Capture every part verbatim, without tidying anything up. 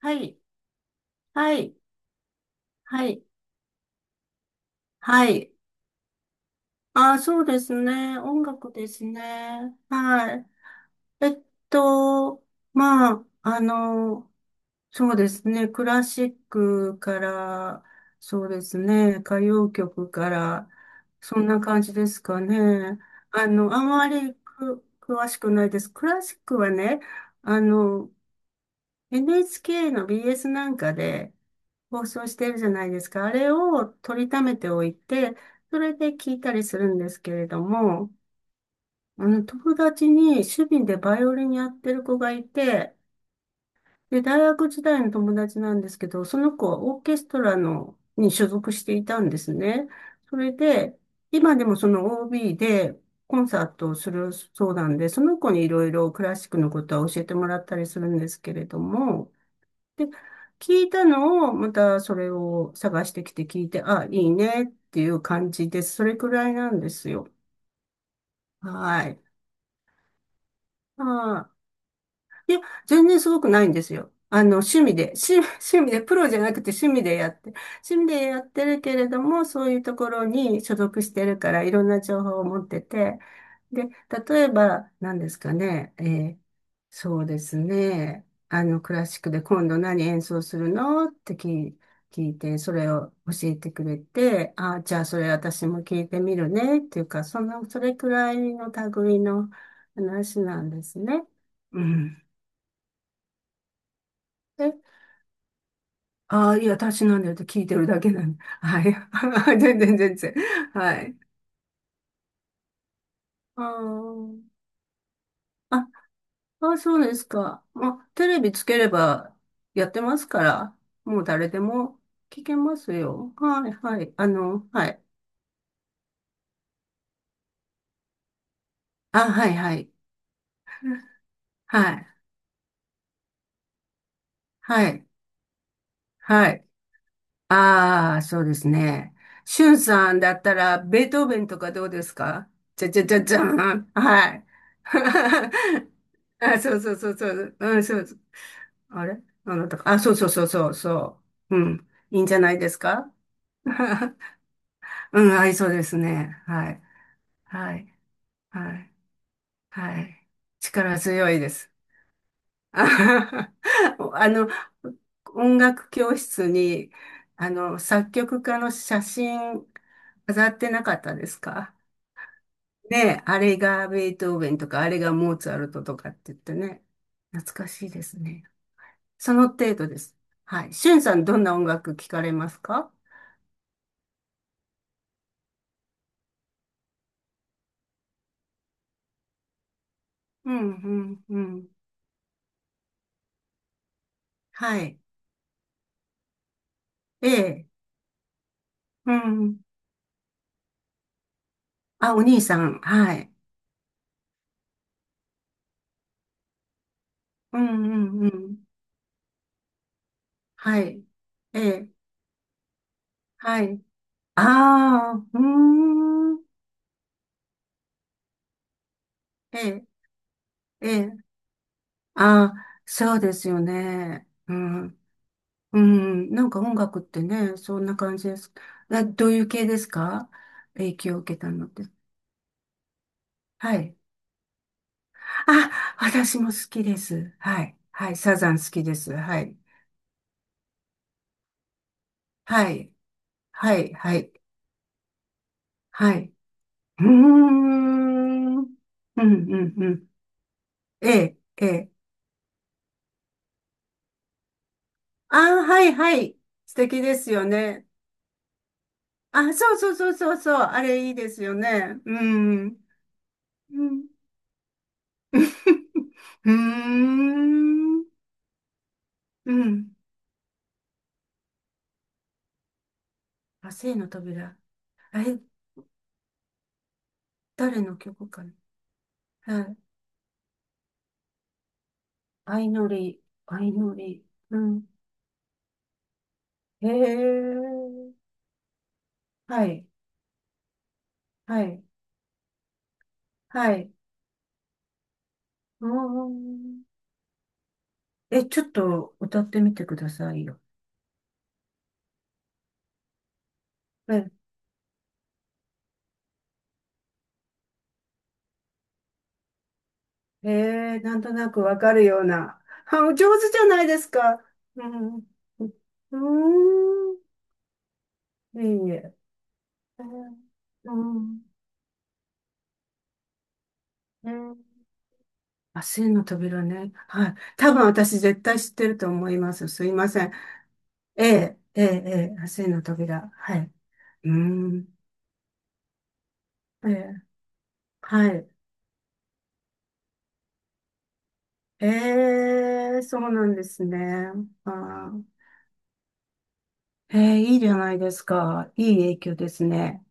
はい、はい、はい、はい。あ、そうですね。音楽ですね。はい。えっと、まあ、あの、そうですね。クラシックから、そうですね。歌謡曲から、そんな感じですかね。あの、あまりく詳しくないです。クラシックはね、あの、エヌエイチケー の ビーエス なんかで、放送してるじゃないですか。あれを取りためておいて、それで聞いたりするんですけれども、あの、友達に趣味でバイオリンやってる子がいて、で、大学時代の友達なんですけど、その子はオーケストラの、に所属していたんですね。それで、今でもその オービー でコンサートをするそうなんで、その子にいろいろクラシックのことは教えてもらったりするんですけれども、で、聞いたのを、またそれを探してきて聞いて、あ、いいねっていう感じです。それくらいなんですよ。はい。はい。いや、全然すごくないんですよ。あの、趣味で、趣、趣味で、プロじゃなくて趣味でやって、趣味でやってるけれども、そういうところに所属してるから、いろんな情報を持ってて、で、例えば、何ですかね、えーそうですね、あの、クラシックで今度何演奏するのって聞い、聞いて、それを教えてくれて、あ、じゃあそれ私も聞いてみるね、っていうか、そんな、それくらいの類の話なんですね。うん。で、ああ、いや、私なんだよって聞いてるだけなんで。はい。全然、全然。はい。あーあ、そうですか。まあ、テレビつければやってますから、もう誰でも聞けますよ。はい、はい。あの、はい。あ、はい、はい。はい、はい、はい。ああ、そうですね。しゅんさんだったら、ベートーベンとかどうですか？じゃじゃじゃじゃん。はい。あ、そうそうそうそう。うん、そうです。あれあなたか。あ、そうそうそうそう、そう。うん。いいんじゃないですか？ うん、合いそうですね。はい。はい、はい、はい。力強いです。あの、音楽教室に、あの、作曲家の写真飾ってなかったですか？ねえ、あれがベートーベンとか、あれがモーツァルトとかって言ってね。懐かしいですね。その程度です。はい。しゅんさん、どんな音楽聞かれますか？うん、うん、うん。はい。ええ。うん。あ、お兄さん。はい。うん、うん、うん。はい。ええ。はい。ああ、うーん。ええ。ええ。ああ、そうですよね。うん。うん。なんか音楽ってね、そんな感じです。などういう系ですか？影響を受けたのって。はい。あ、私も好きです。はい。はい。サザン好きです。はい。はい。はい。はい。はい。うーん。うん、うん、うん。ええ、ええ。ああ、はい、はい。素敵ですよね。あ、そうそうそうそうそう、あれいいですよね。うん。うん。うーん。うん。あ、生の扉。え、誰の曲かな。はい。相乗り、相乗り。うん。へえ。はい。はい。はい。うーん。え、ちょっと歌ってみてくださいよ。え、へえ、なんとなくわかるような。あ、お上手じゃないですか。うん。うーん。いえいえ。うん。うん。あ、真の扉ね。はい。多分私絶対知ってると思います。すいません。ええ、ええ、ええ、真の扉。はい。うん。ええ、はい。ええ、そうなんですね。あー、ええ、いいじゃないですか。いい影響ですね。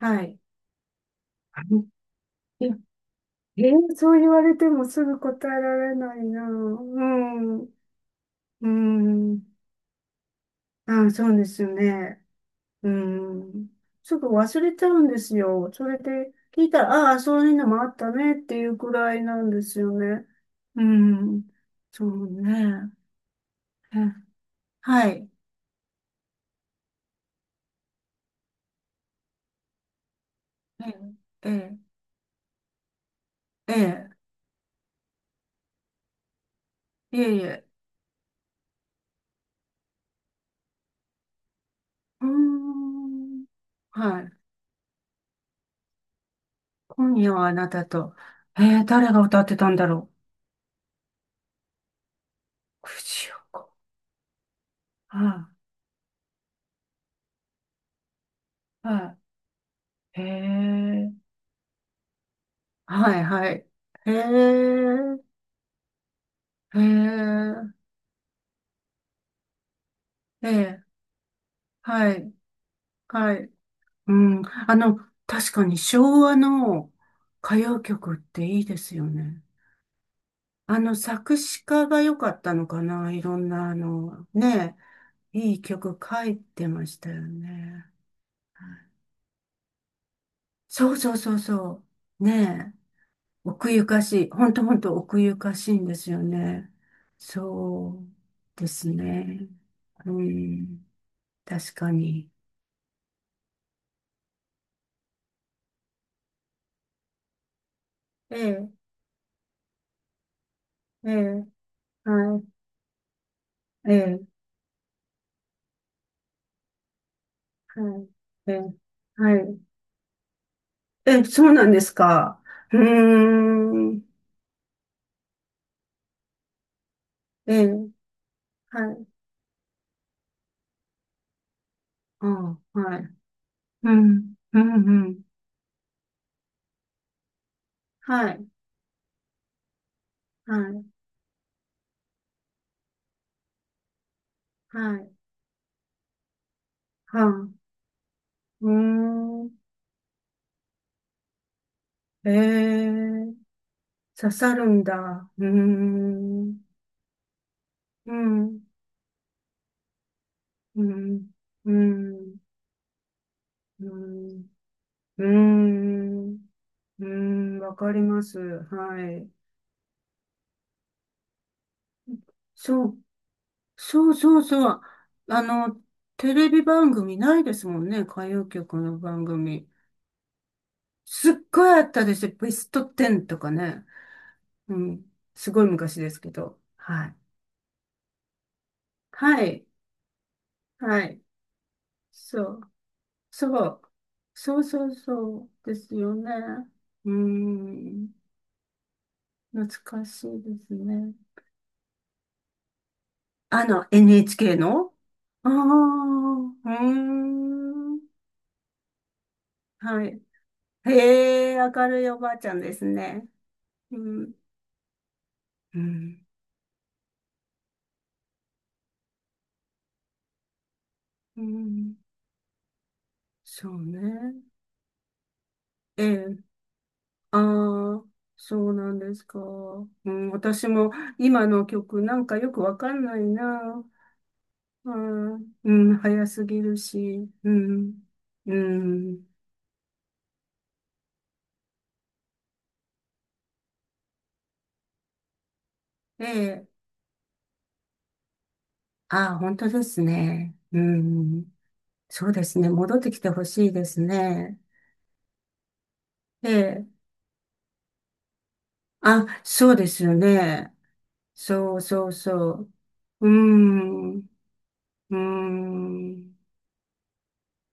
はい。いや。ええ、そう言われてもすぐ答えられないな。うん。うん。あ、そうですね。うん。すぐ忘れちゃうんですよ。それで聞いたら、ああ、そういうのもあったねっていうくらいなんですよね。うん。そうね。え、はい。え、え、ええ、ええ、いえいえ。うーん。はい。今夜はあなたと。えー、誰が歌ってたんだろう。藤岡。はい。はい。へえ。はい、はい。へえ。へえ。ええ。はい。はい。うん。あの、確かに昭和の歌謡曲っていいですよね。あの、作詞家が良かったのかな。いろんな、あの、ね、いい曲書いてましたよね。そうそうそうそう。ねえ。奥ゆかしい。ほんとほんと奥ゆかしいんですよね。そうですね。うん。確かに。ええ、ええ、はい、ええ、はい、ええ、はい。え、そうなんですか？うーん。ええ、はい。ああ、はい。うん、うん、うん。はい、はい、はい、はい。うーん。ええ、刺さるんだ。うーん、うん、うん、うん、うん、うん、うん、わかります。はい。そう、そうそうそう。あの、テレビ番組ないですもんね。歌謡曲の番組。すっごいあったですよ。ベストじゅうとかね。うん。すごい昔ですけど。はい。はい。はい。そう。そう。そうそうそう。ですよね。うーん。懐かしいですね。あの、エヌエイチケー のああー、うーん。はい。へえ、明るいおばあちゃんですね。うん。うん。うん。そうね。ええ。ああ、そうなんですか？うん、私も今の曲なんかよくわかんないな。うん、うん、早すぎるし。うん、うん。ええ、ああ、本当ですね。うん、そうですね。戻ってきてほしいですね。ええ、あ、そうですよね。そうそうそう。うん、うん。